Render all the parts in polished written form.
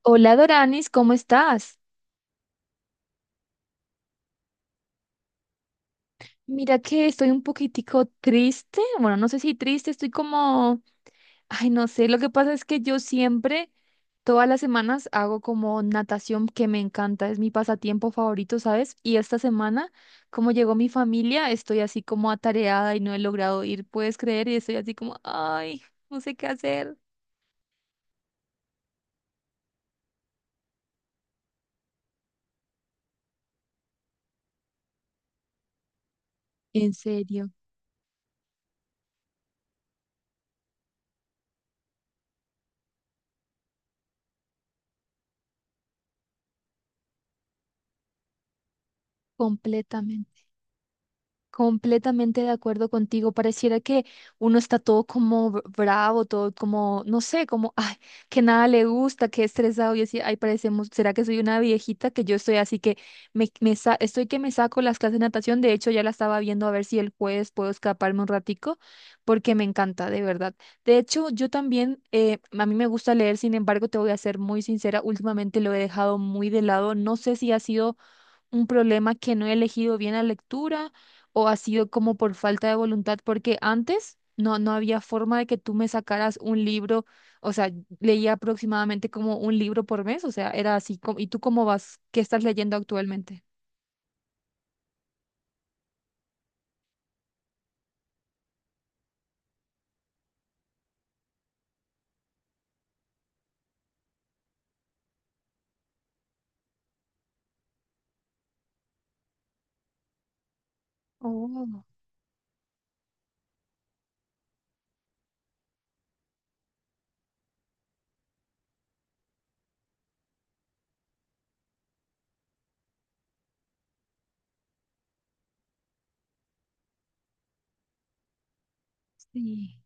Hola Doranis, ¿cómo estás? Mira que estoy un poquitico triste, bueno, no sé si triste, estoy como, ay, no sé, lo que pasa es que yo siempre, todas las semanas hago como natación que me encanta, es mi pasatiempo favorito, ¿sabes? Y esta semana, como llegó mi familia, estoy así como atareada y no he logrado ir, ¿puedes creer? Y estoy así como, ay, no sé qué hacer. En serio, completamente. Completamente de acuerdo contigo. Pareciera que uno está todo como bravo, todo como, no sé, como, ay, que nada le gusta, que estresado. Y así, ay, parecemos, ¿será que soy una viejita? Que yo estoy así que estoy que me saco las clases de natación. De hecho, ya la estaba viendo a ver si el jueves puedo escaparme un ratico, porque me encanta, de verdad. De hecho, yo también, a mí me gusta leer, sin embargo, te voy a ser muy sincera, últimamente lo he dejado muy de lado. No sé si ha sido un problema que no he elegido bien la lectura o ha sido como por falta de voluntad, porque antes no había forma de que tú me sacaras un libro, o sea, leía aproximadamente como un libro por mes, o sea, era así. ¿Y tú cómo vas? ¿Qué estás leyendo actualmente? Oh, sí,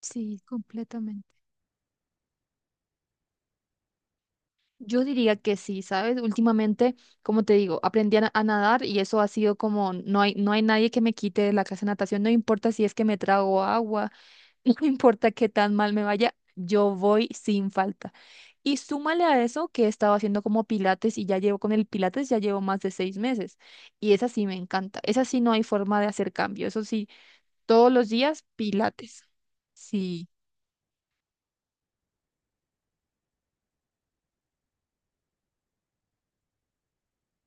sí, completamente. Yo diría que sí, ¿sabes? Últimamente, como te digo, aprendí a nadar y eso ha sido como, no hay nadie que me quite la clase de natación, no importa si es que me trago agua. No importa qué tan mal me vaya, yo voy sin falta. Y súmale a eso que he estado haciendo como pilates y ya llevo con el pilates, ya llevo más de 6 meses. Y esa sí me encanta. Esa sí no hay forma de hacer cambio. Eso sí, todos los días pilates. Sí.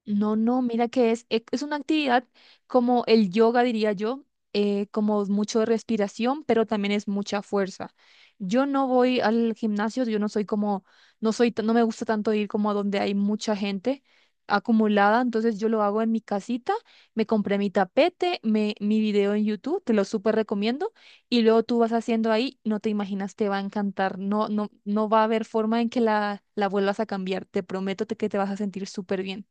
No, no, mira que es, es una actividad como el yoga, diría yo, como mucho de respiración, pero también es mucha fuerza. Yo no voy al gimnasio, yo no soy como, no soy, no me gusta tanto ir como a donde hay mucha gente acumulada, entonces yo lo hago en mi casita, me compré mi tapete, me, mi video en YouTube, te lo súper recomiendo, y luego tú vas haciendo ahí, no te imaginas, te va a encantar, no, no, no va a haber forma en que la vuelvas a cambiar, te prometo que te vas a sentir súper bien.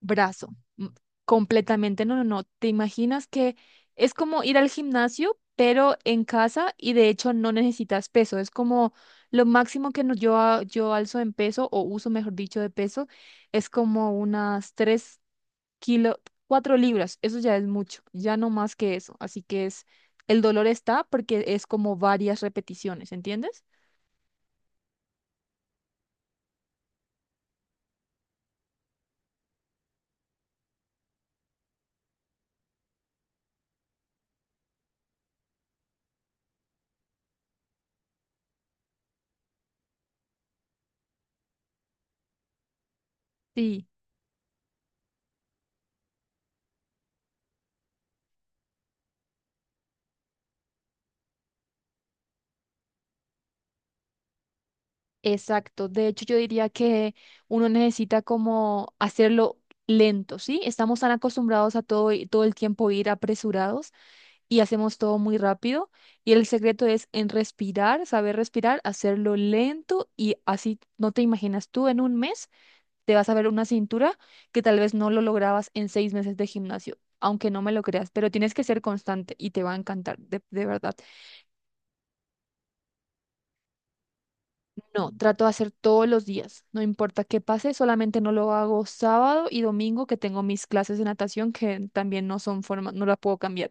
brazo. m- Completamente, no, no, no. ¿Te imaginas que es como ir al gimnasio, pero en casa y de hecho no necesitas peso? Es como lo máximo que yo, yo alzo en peso o uso, mejor dicho, de peso, es como unas 3 kilos, 4 libras. Eso ya es mucho, ya no más que eso. Así que es, el dolor está porque es como varias repeticiones, ¿entiendes? Sí. Exacto, de hecho yo diría que uno necesita como hacerlo lento, ¿sí? Estamos tan acostumbrados a todo, todo el tiempo ir apresurados y hacemos todo muy rápido y el secreto es en respirar, saber respirar, hacerlo lento y así no te imaginas tú en un mes te vas a ver una cintura que tal vez no lo lograbas en 6 meses de gimnasio, aunque no me lo creas, pero tienes que ser constante y te va a encantar, de verdad. No, trato de hacer todos los días, no importa qué pase, solamente no lo hago sábado y domingo que tengo mis clases de natación que también no son forma, no la puedo cambiar.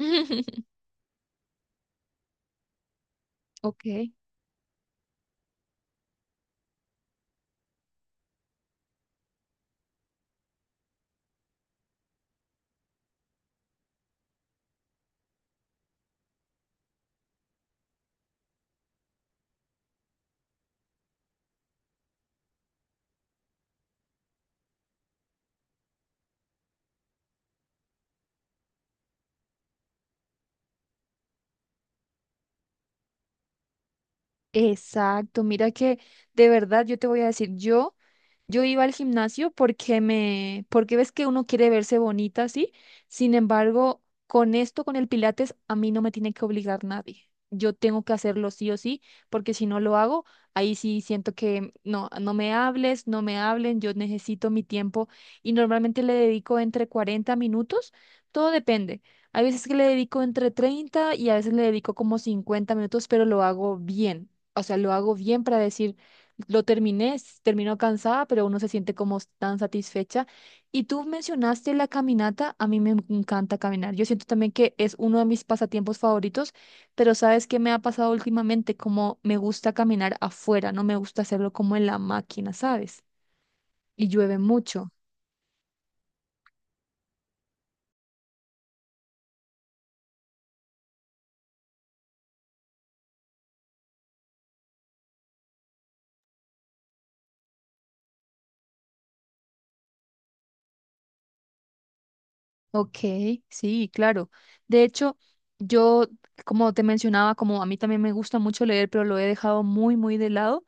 Ok, exacto, mira que de verdad yo te voy a decir, yo yo iba al gimnasio porque me, porque ves que uno quiere verse bonita, ¿sí? Sin embargo, con esto, con el Pilates, a mí no me tiene que obligar nadie. Yo tengo que hacerlo sí o sí, porque si no lo hago, ahí sí siento que no, no me hables, no me hablen, yo necesito mi tiempo y normalmente le dedico entre 40 minutos, todo depende. Hay veces que le dedico entre 30 y a veces le dedico como 50 minutos, pero lo hago bien. O sea, lo hago bien para decir lo terminé, termino cansada, pero uno se siente como tan satisfecha. Y tú mencionaste la caminata, a mí me encanta caminar. Yo siento también que es uno de mis pasatiempos favoritos, pero ¿sabes qué me ha pasado últimamente? Como me gusta caminar afuera, no me gusta hacerlo como en la máquina, ¿sabes? Y llueve mucho. Ok, sí, claro. De hecho, yo, como te mencionaba, como a mí también me gusta mucho leer, pero lo he dejado muy, muy de lado.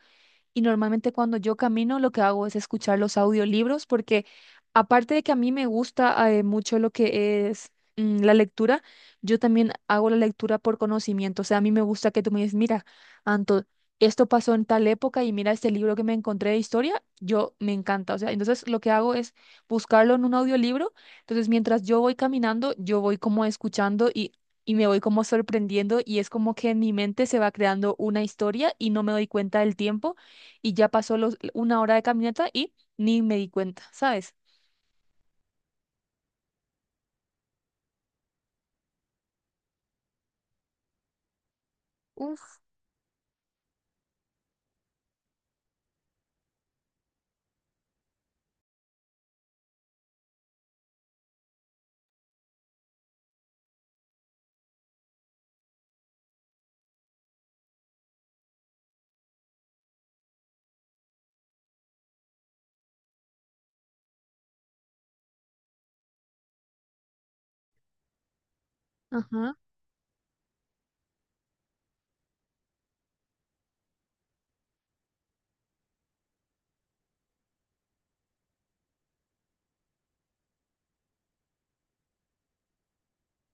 Y normalmente cuando yo camino lo que hago es escuchar los audiolibros porque aparte de que a mí me gusta mucho lo que es la lectura, yo también hago la lectura por conocimiento. O sea, a mí me gusta que tú me digas, mira, Anto, esto pasó en tal época y mira este libro que me encontré de historia, yo me encanta. O sea, entonces lo que hago es buscarlo en un audiolibro. Entonces mientras yo voy caminando, yo voy como escuchando y... Y me voy como sorprendiendo y es como que en mi mente se va creando una historia y no me doy cuenta del tiempo y ya pasó los, una hora de caminata y ni me di cuenta, ¿sabes? Uf, ajá,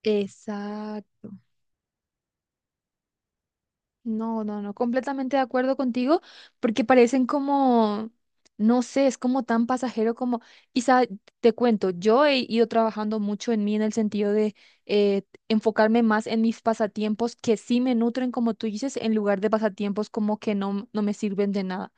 exacto. No, no, no, completamente de acuerdo contigo, porque parecen como, no sé, es como tan pasajero como, y sa- te cuento, yo he ido trabajando mucho en mí en el sentido de eh, enfocarme más en mis pasatiempos que sí me nutren, como tú dices, en lugar de pasatiempos como que no, no me sirven de nada.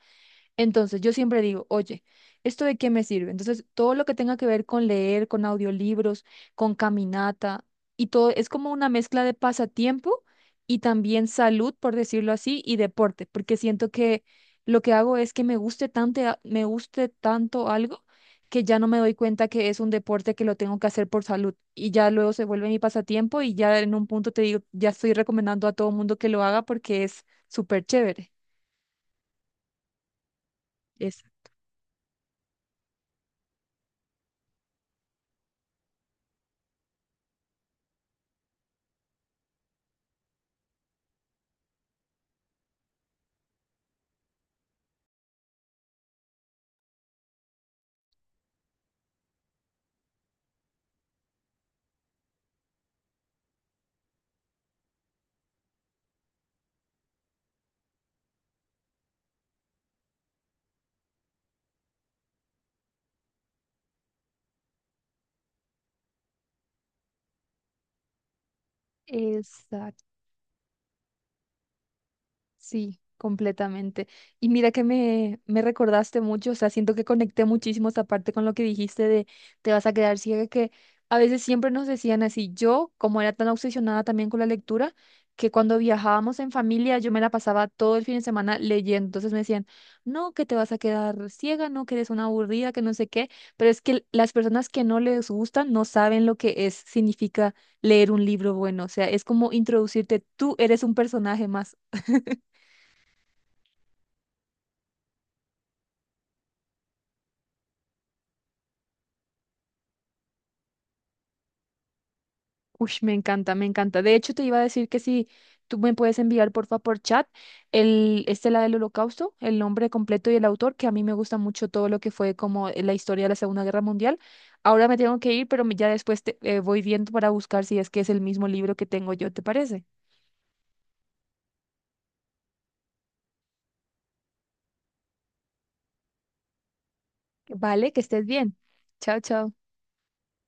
Entonces, yo siempre digo, oye, ¿esto de qué me sirve? Entonces, todo lo que tenga que ver con leer, con audiolibros, con caminata y todo, es como una mezcla de pasatiempo y también salud, por decirlo así, y deporte, porque siento que lo que hago es que me guste tanto algo que ya no me doy cuenta que es un deporte que lo tengo que hacer por salud y ya luego se vuelve mi pasatiempo y ya en un punto te digo, ya estoy recomendando a todo mundo que lo haga porque es súper chévere. Esa. Exacto. Sí, completamente. Y mira que me recordaste mucho, o sea, siento que conecté muchísimo esa parte con lo que dijiste de te vas a quedar ciega, que a veces siempre nos decían así. Yo, como era tan obsesionada también con la lectura, que cuando viajábamos en familia yo me la pasaba todo el fin de semana leyendo. Entonces me decían, no, que te vas a quedar ciega, no, que eres una aburrida, que no sé qué. Pero es que las personas que no les gustan no saben lo que es, significa leer un libro bueno. O sea, es como introducirte, tú eres un personaje más. Uy, me encanta, me encanta. De hecho, te iba a decir que si tú me puedes enviar, porfa, por chat, el, este, la del Holocausto, el nombre completo y el autor, que a mí me gusta mucho todo lo que fue como la historia de la Segunda Guerra Mundial. Ahora me tengo que ir, pero ya después te, voy viendo para buscar si es que es el mismo libro que tengo yo, ¿te parece? Vale, que estés bien. Chao, chao.